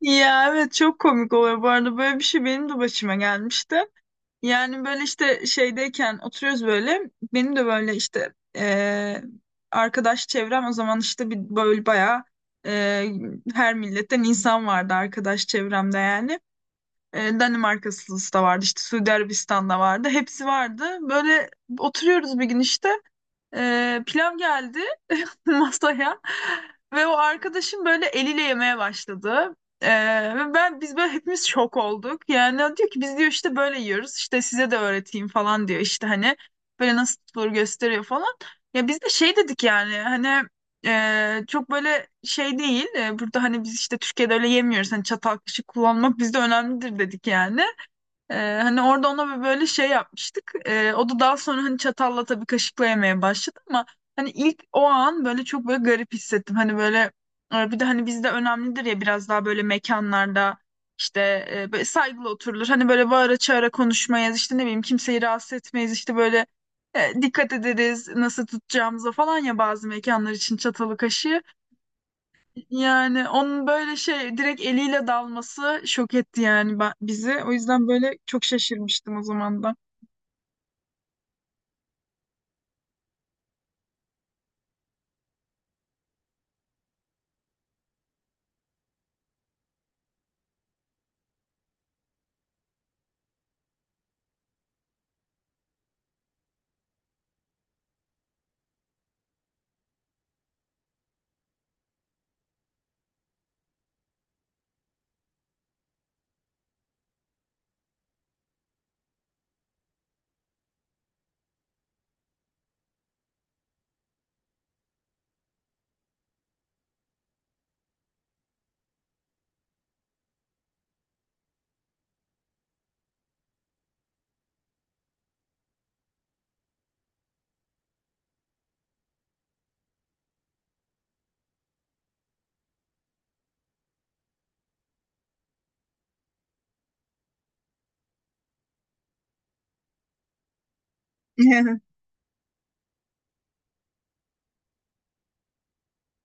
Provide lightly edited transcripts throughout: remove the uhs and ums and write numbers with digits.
Ya evet çok komik oluyor bu arada, böyle bir şey benim de başıma gelmişti. Yani böyle işte şeydeyken oturuyoruz, böyle benim de böyle işte arkadaş çevrem o zaman işte bir böyle bayağı eee, her milletten insan vardı arkadaş çevremde yani. Danimarkalısı da vardı, işte Suudi Arabistan'da vardı, hepsi vardı. Böyle oturuyoruz bir gün işte, pilav geldi masaya ve o arkadaşım böyle eliyle yemeye başladı. Ee, ve ben biz böyle hepimiz şok olduk. Yani o diyor ki, biz diyor işte böyle yiyoruz. İşte size de öğreteyim falan diyor. İşte hani böyle nasıl tutulur gösteriyor falan. Ya biz de şey dedik, yani hani çok böyle şey değil. E, burada hani biz işte Türkiye'de öyle yemiyoruz. Hani çatal kaşık kullanmak bizde önemlidir dedik yani. Hani orada ona bir böyle şey yapmıştık. O da daha sonra hani çatalla, tabii kaşıkla yemeye başladı ama hani ilk o an böyle çok böyle garip hissettim. Hani böyle bir de hani bizde önemlidir ya, biraz daha böyle mekanlarda işte böyle saygılı oturulur. Hani böyle bağıra çağıra konuşmayız, işte ne bileyim kimseyi rahatsız etmeyiz, işte böyle dikkat ederiz nasıl tutacağımıza falan, ya bazı mekanlar için çatalı kaşığı. Yani onun böyle şey, direkt eliyle dalması şok etti yani ben, bizi. O yüzden böyle çok şaşırmıştım o zaman da.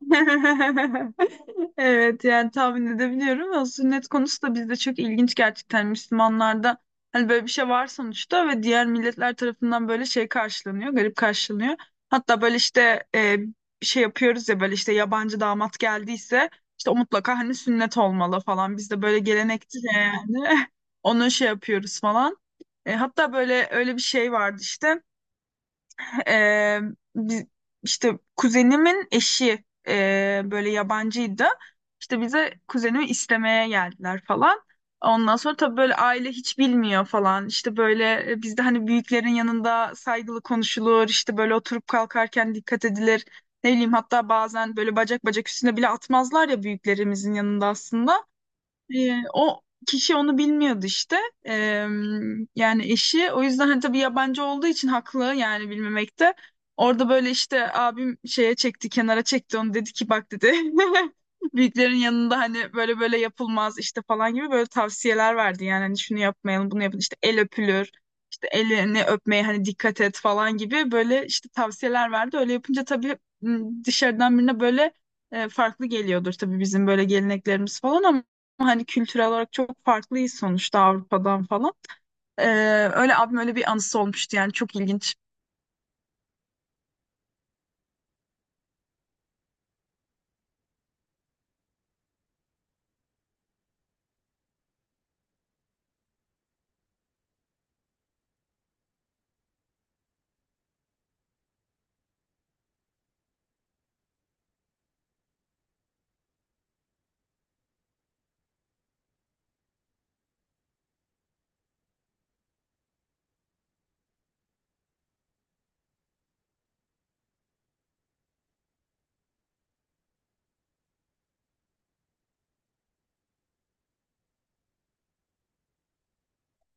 Evet yani tahmin edebiliyorum. O sünnet konusu da bizde çok ilginç gerçekten, Müslümanlarda. Hani böyle bir şey var sonuçta ve diğer milletler tarafından böyle şey karşılanıyor, garip karşılanıyor. Hatta böyle işte bir şey yapıyoruz ya, böyle işte yabancı damat geldiyse, işte o mutlaka hani sünnet olmalı falan. Bizde böyle gelenektir ya yani. Onu şey yapıyoruz falan. E, hatta böyle öyle bir şey vardı işte. Ee, biz, işte kuzenimin eşi böyle yabancıydı. İşte bize kuzenimi istemeye geldiler falan. Ondan sonra tabii böyle aile hiç bilmiyor falan. İşte böyle bizde hani büyüklerin yanında saygılı konuşulur. İşte böyle oturup kalkarken dikkat edilir. Ne bileyim, hatta bazen böyle bacak bacak üstüne bile atmazlar ya büyüklerimizin yanında aslında. O kişi onu bilmiyordu işte. Ee, Yani eşi. O yüzden hani tabii yabancı olduğu için haklı yani bilmemekte. Orada böyle işte abim şeye çekti, kenara çekti onu, dedi ki bak dedi. Büyüklerin yanında hani böyle böyle yapılmaz işte falan gibi böyle tavsiyeler verdi. Yani hani şunu yapmayalım, bunu yapın, işte el öpülür, işte elini öpmeye hani dikkat et falan gibi böyle işte tavsiyeler verdi. Öyle yapınca tabii, dışarıdan birine böyle farklı geliyordur tabii bizim böyle geleneklerimiz falan, ama hani kültürel olarak çok farklıyız sonuçta Avrupa'dan falan. Ee, Öyle abim öyle bir anısı olmuştu yani, çok ilginç.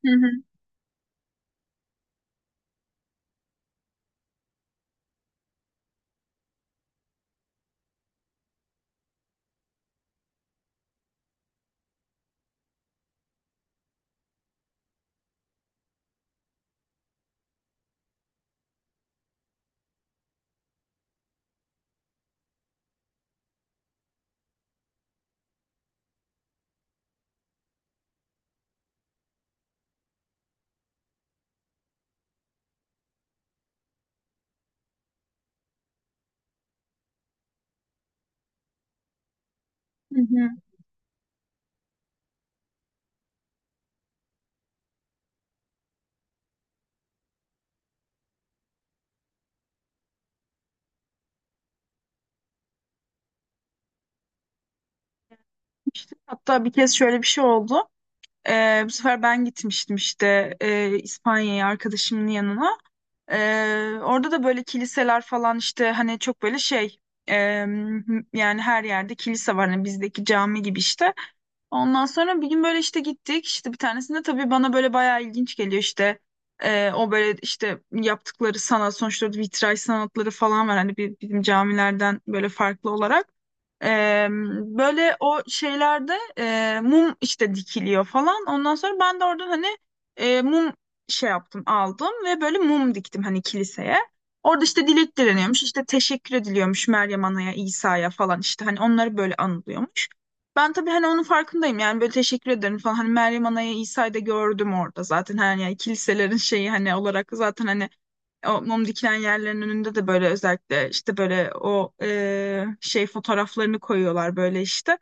Hı hı, hı hı. İşte hatta bir kez şöyle bir şey oldu. Bu sefer ben gitmiştim işte İspanya'ya arkadaşımın yanına. Orada da böyle kiliseler falan, işte hani çok böyle şey, e, yani her yerde kilise var. Hani bizdeki cami gibi işte. Ondan sonra bir gün böyle işte gittik, işte bir tanesinde tabii bana böyle bayağı ilginç geliyor işte. O böyle işte yaptıkları sanat sonuçta, vitray sanatları falan var hani, bizim camilerden böyle farklı olarak. Ee, Böyle o şeylerde mum işte dikiliyor falan. Ondan sonra ben de oradan hani mum şey yaptım, aldım ve böyle mum diktim hani kiliseye. Orada işte dilek dileniyormuş, işte teşekkür ediliyormuş Meryem Ana'ya, İsa'ya falan, işte hani onları böyle anılıyormuş. Ben tabii hani onun farkındayım yani, böyle teşekkür ederim falan hani Meryem Ana'ya, İsa'yı da gördüm orada zaten hani, yani kiliselerin şeyi hani olarak zaten hani o mum dikilen yerlerin önünde de böyle özellikle işte böyle o şey fotoğraflarını koyuyorlar böyle işte.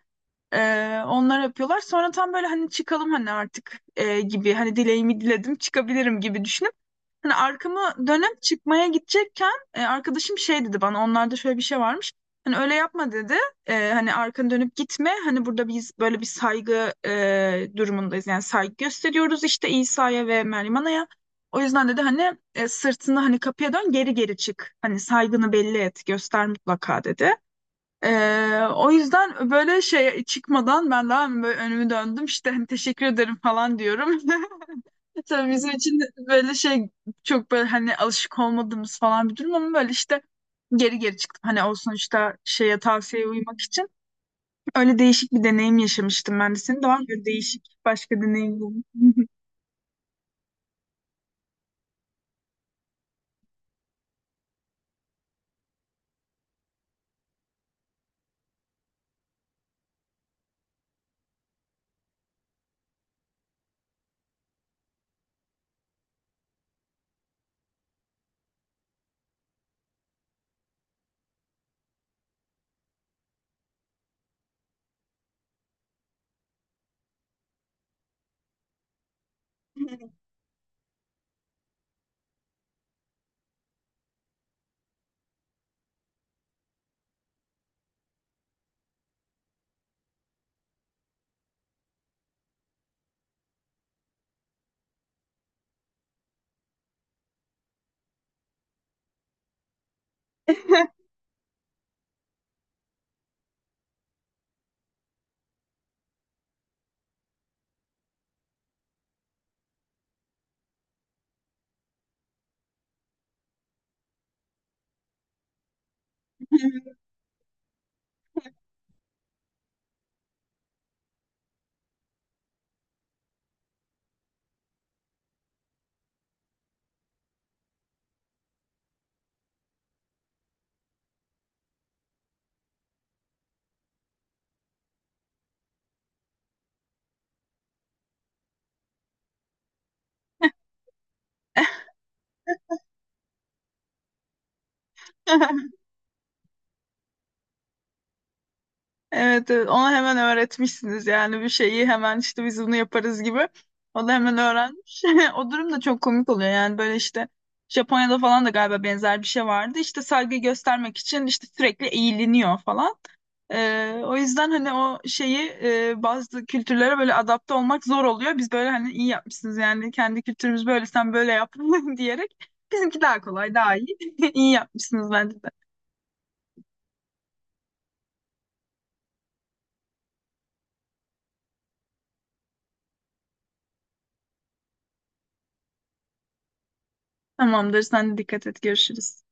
E, onlar yapıyorlar. Sonra tam böyle hani çıkalım hani artık gibi hani dileğimi diledim çıkabilirim gibi düşünüyorum. Hani arkamı dönüp çıkmaya gidecekken arkadaşım şey dedi bana, onlarda şöyle bir şey varmış. Hani öyle yapma dedi. E, hani arkanı dönüp gitme. Hani burada biz böyle bir saygı durumundayız. Yani saygı gösteriyoruz işte İsa'ya ve Meryem Ana'ya. O yüzden dedi hani sırtını hani kapıya dön, geri geri çık. Hani saygını belli et, göster mutlaka dedi. E, O yüzden böyle şey çıkmadan ben daha böyle önümü döndüm, işte hani teşekkür ederim falan diyorum. Tabii bizim için de böyle şey, çok böyle hani alışık olmadığımız falan bir durum, ama böyle işte geri geri çıktım. Hani o sonuçta şeye, tavsiyeye uymak için. Öyle değişik bir deneyim yaşamıştım ben de. Senin de var mı böyle değişik başka deneyimlerin? Evet, evet, ona hemen öğretmişsiniz yani, bir şeyi hemen işte, biz bunu yaparız gibi. O da hemen öğrenmiş. O durum da çok komik oluyor yani, böyle işte Japonya'da falan da galiba benzer bir şey vardı. İşte saygı göstermek için işte sürekli eğiliniyor falan. O yüzden hani o şeyi, bazı kültürlere böyle adapte olmak zor oluyor. Biz böyle hani iyi yapmışsınız yani, kendi kültürümüz böyle, sen böyle yap diyerek, bizimki daha kolay, daha iyi. İyi yapmışsınız bence de. Tamamdır, sen de dikkat et, görüşürüz.